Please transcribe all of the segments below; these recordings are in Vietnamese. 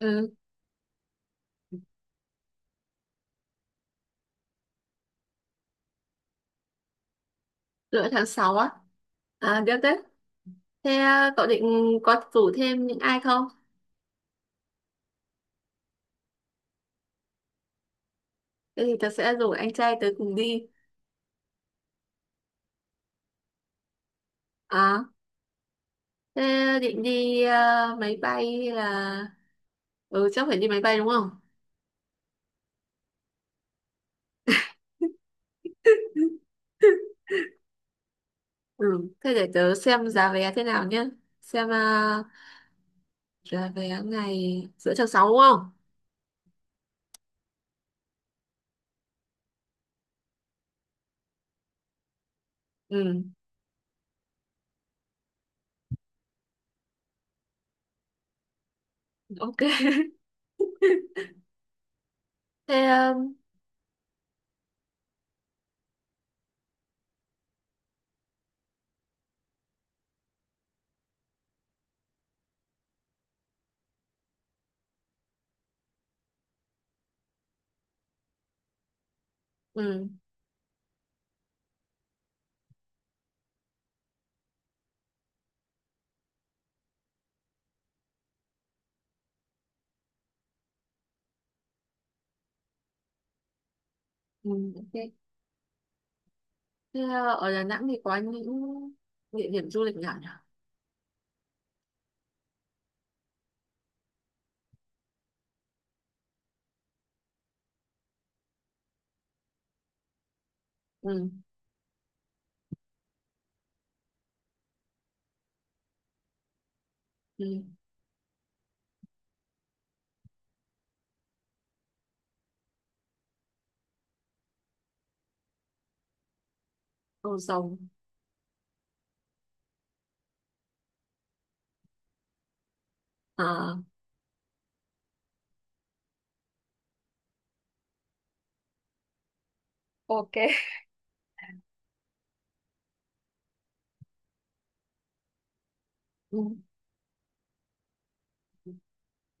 Ừ, rưỡi tháng 6 á. À, được đấy. Thế à, cậu định có rủ thêm những ai không? Thế thì tớ sẽ rủ anh trai tớ cùng đi. À, thế định đi à, máy bay hay là. Ừ, chắc phải đi máy bay đúng không? Ừ, thế để tớ xem giá vé thế nào nhé. Xem à, giá vé ngày giữa tháng sáu đúng không? Ừ, ok. Thế, ừ, ừ, ok. Thế à, ở Đà Nẵng thì có những địa điểm du lịch nào nhỉ? Ừ, ừ, Cầu Rồng. À. Ok, ừ,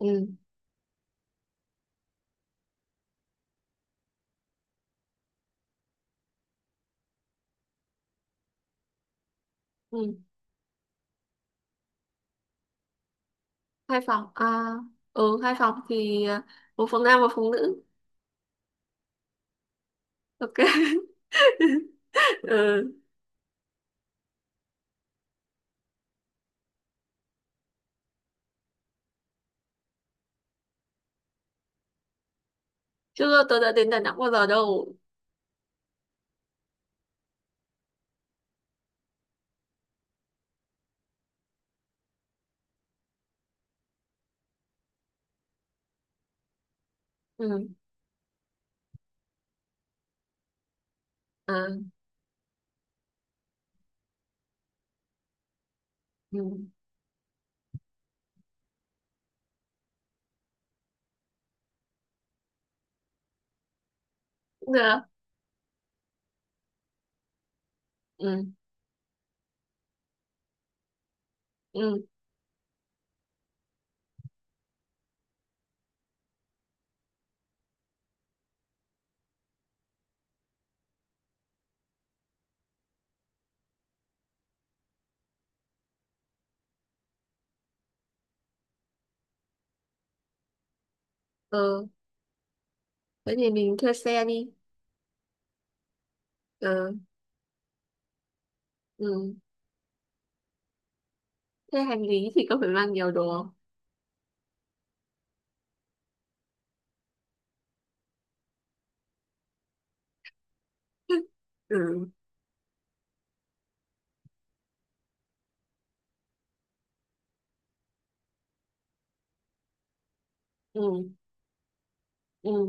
ừ, ừ, hai phòng à? Ừ, hai phòng thì à, một phòng nam một phòng nữ. Ok. Ừ, chưa, tôi đã đến Đà Nẵng bao giờ đâu. Ừ, à, ừ, cũng được. Ừ, ừ, ừ, thế thì mình thuê xe đi. Ừ, ừ, thế hành lý thì có phải mang nhiều đồ không? Ừ, ừ, ừ,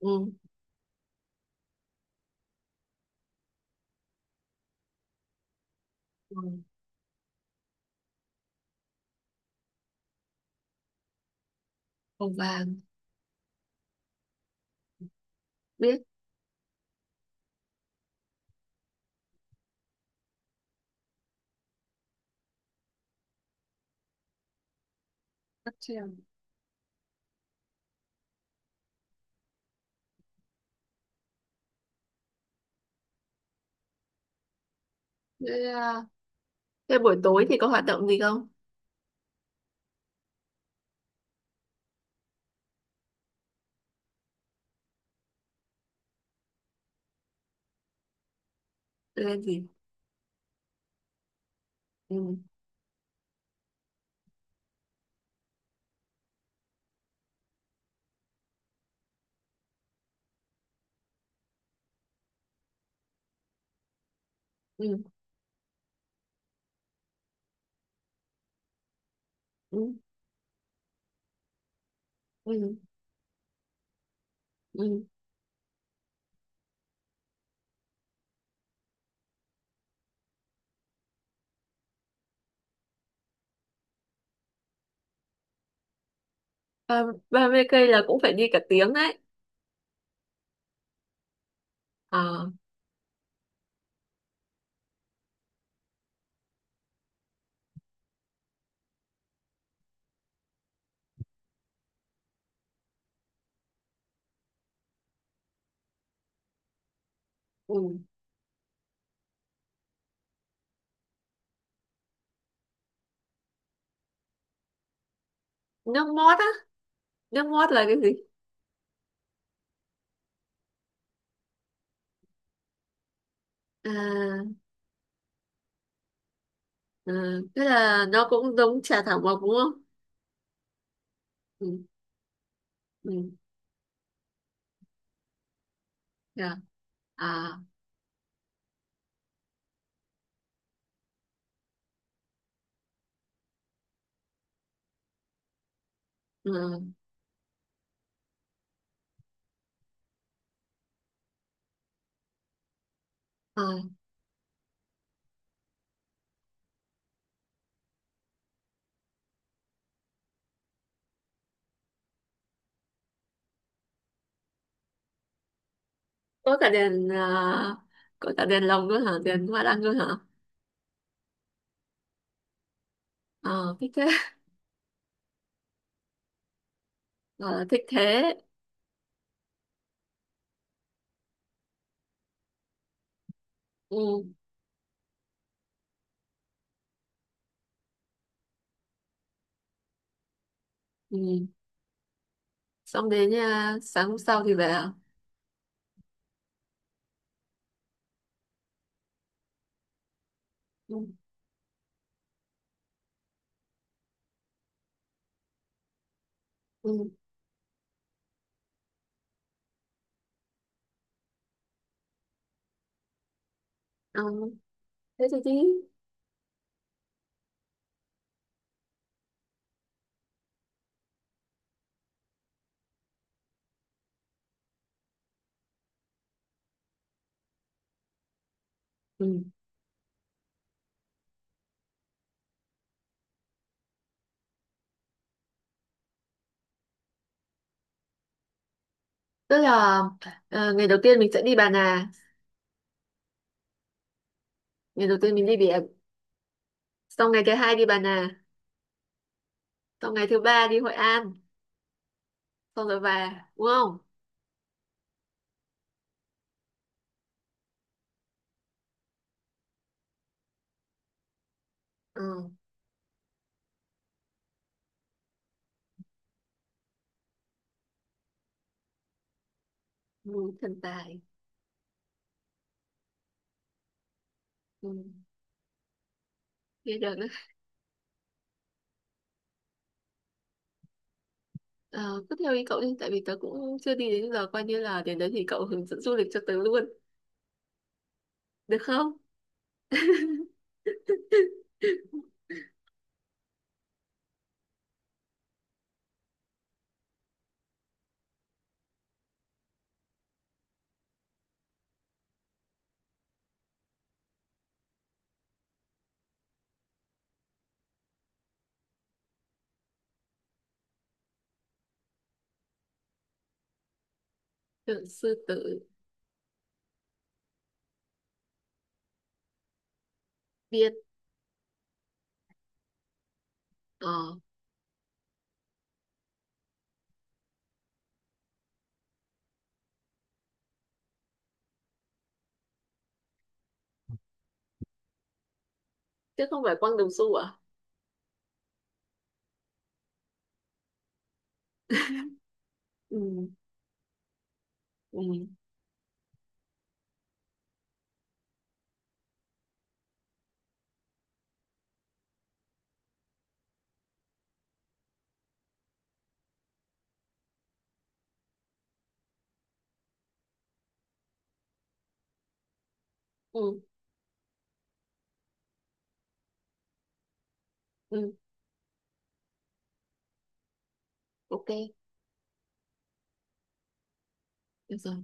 ừ, ừ, Hồng vàng, biết, bắt trèo. Thế, à, thế buổi tối thì có hoạt động gì không? Tôi lên gì. Ừ. Ừ. Ừ, ừ, ừ. Ba, 30 cây là cũng phải đi cả tiếng đấy. Ờ, ừ. Nước mót á. Nước mót là cái gì? À, à, thế là nó cũng giống trà thảo mộc đúng không? Ừ, ừ, dạ. À, ừ, à, có cả đèn à, có cả đèn lồng nữa hả? Đèn hoa đăng nữa hả? Ờ, thích thế. Ờ, thích thế. Ừ, ừ. Xong đến à, sáng hôm sau thì về à? Ừ, ừ. Ờ, thế thì đi. Ừ. Tức là ngày đầu tiên mình sẽ đi Bà Nà. Ngày đầu tiên mình đi biển. Xong ngày thứ hai đi Bà Nà. Xong ngày thứ ba đi Hội An. Xong rồi về, đúng không? Ừ, ừ, thần tài. Ừ, nghe được đấy. Ờ, cứ theo ý cậu đi, tại vì tớ cũng chưa đi, đến giờ coi như là đến đấy thì cậu hướng dẫn du lịch cho tớ luôn. Được không? Tượng sư tử, biết. ờ Chứ không phải quăng đồng xu à? Ừ, ừ, ừ, ừ, ok, được rồi.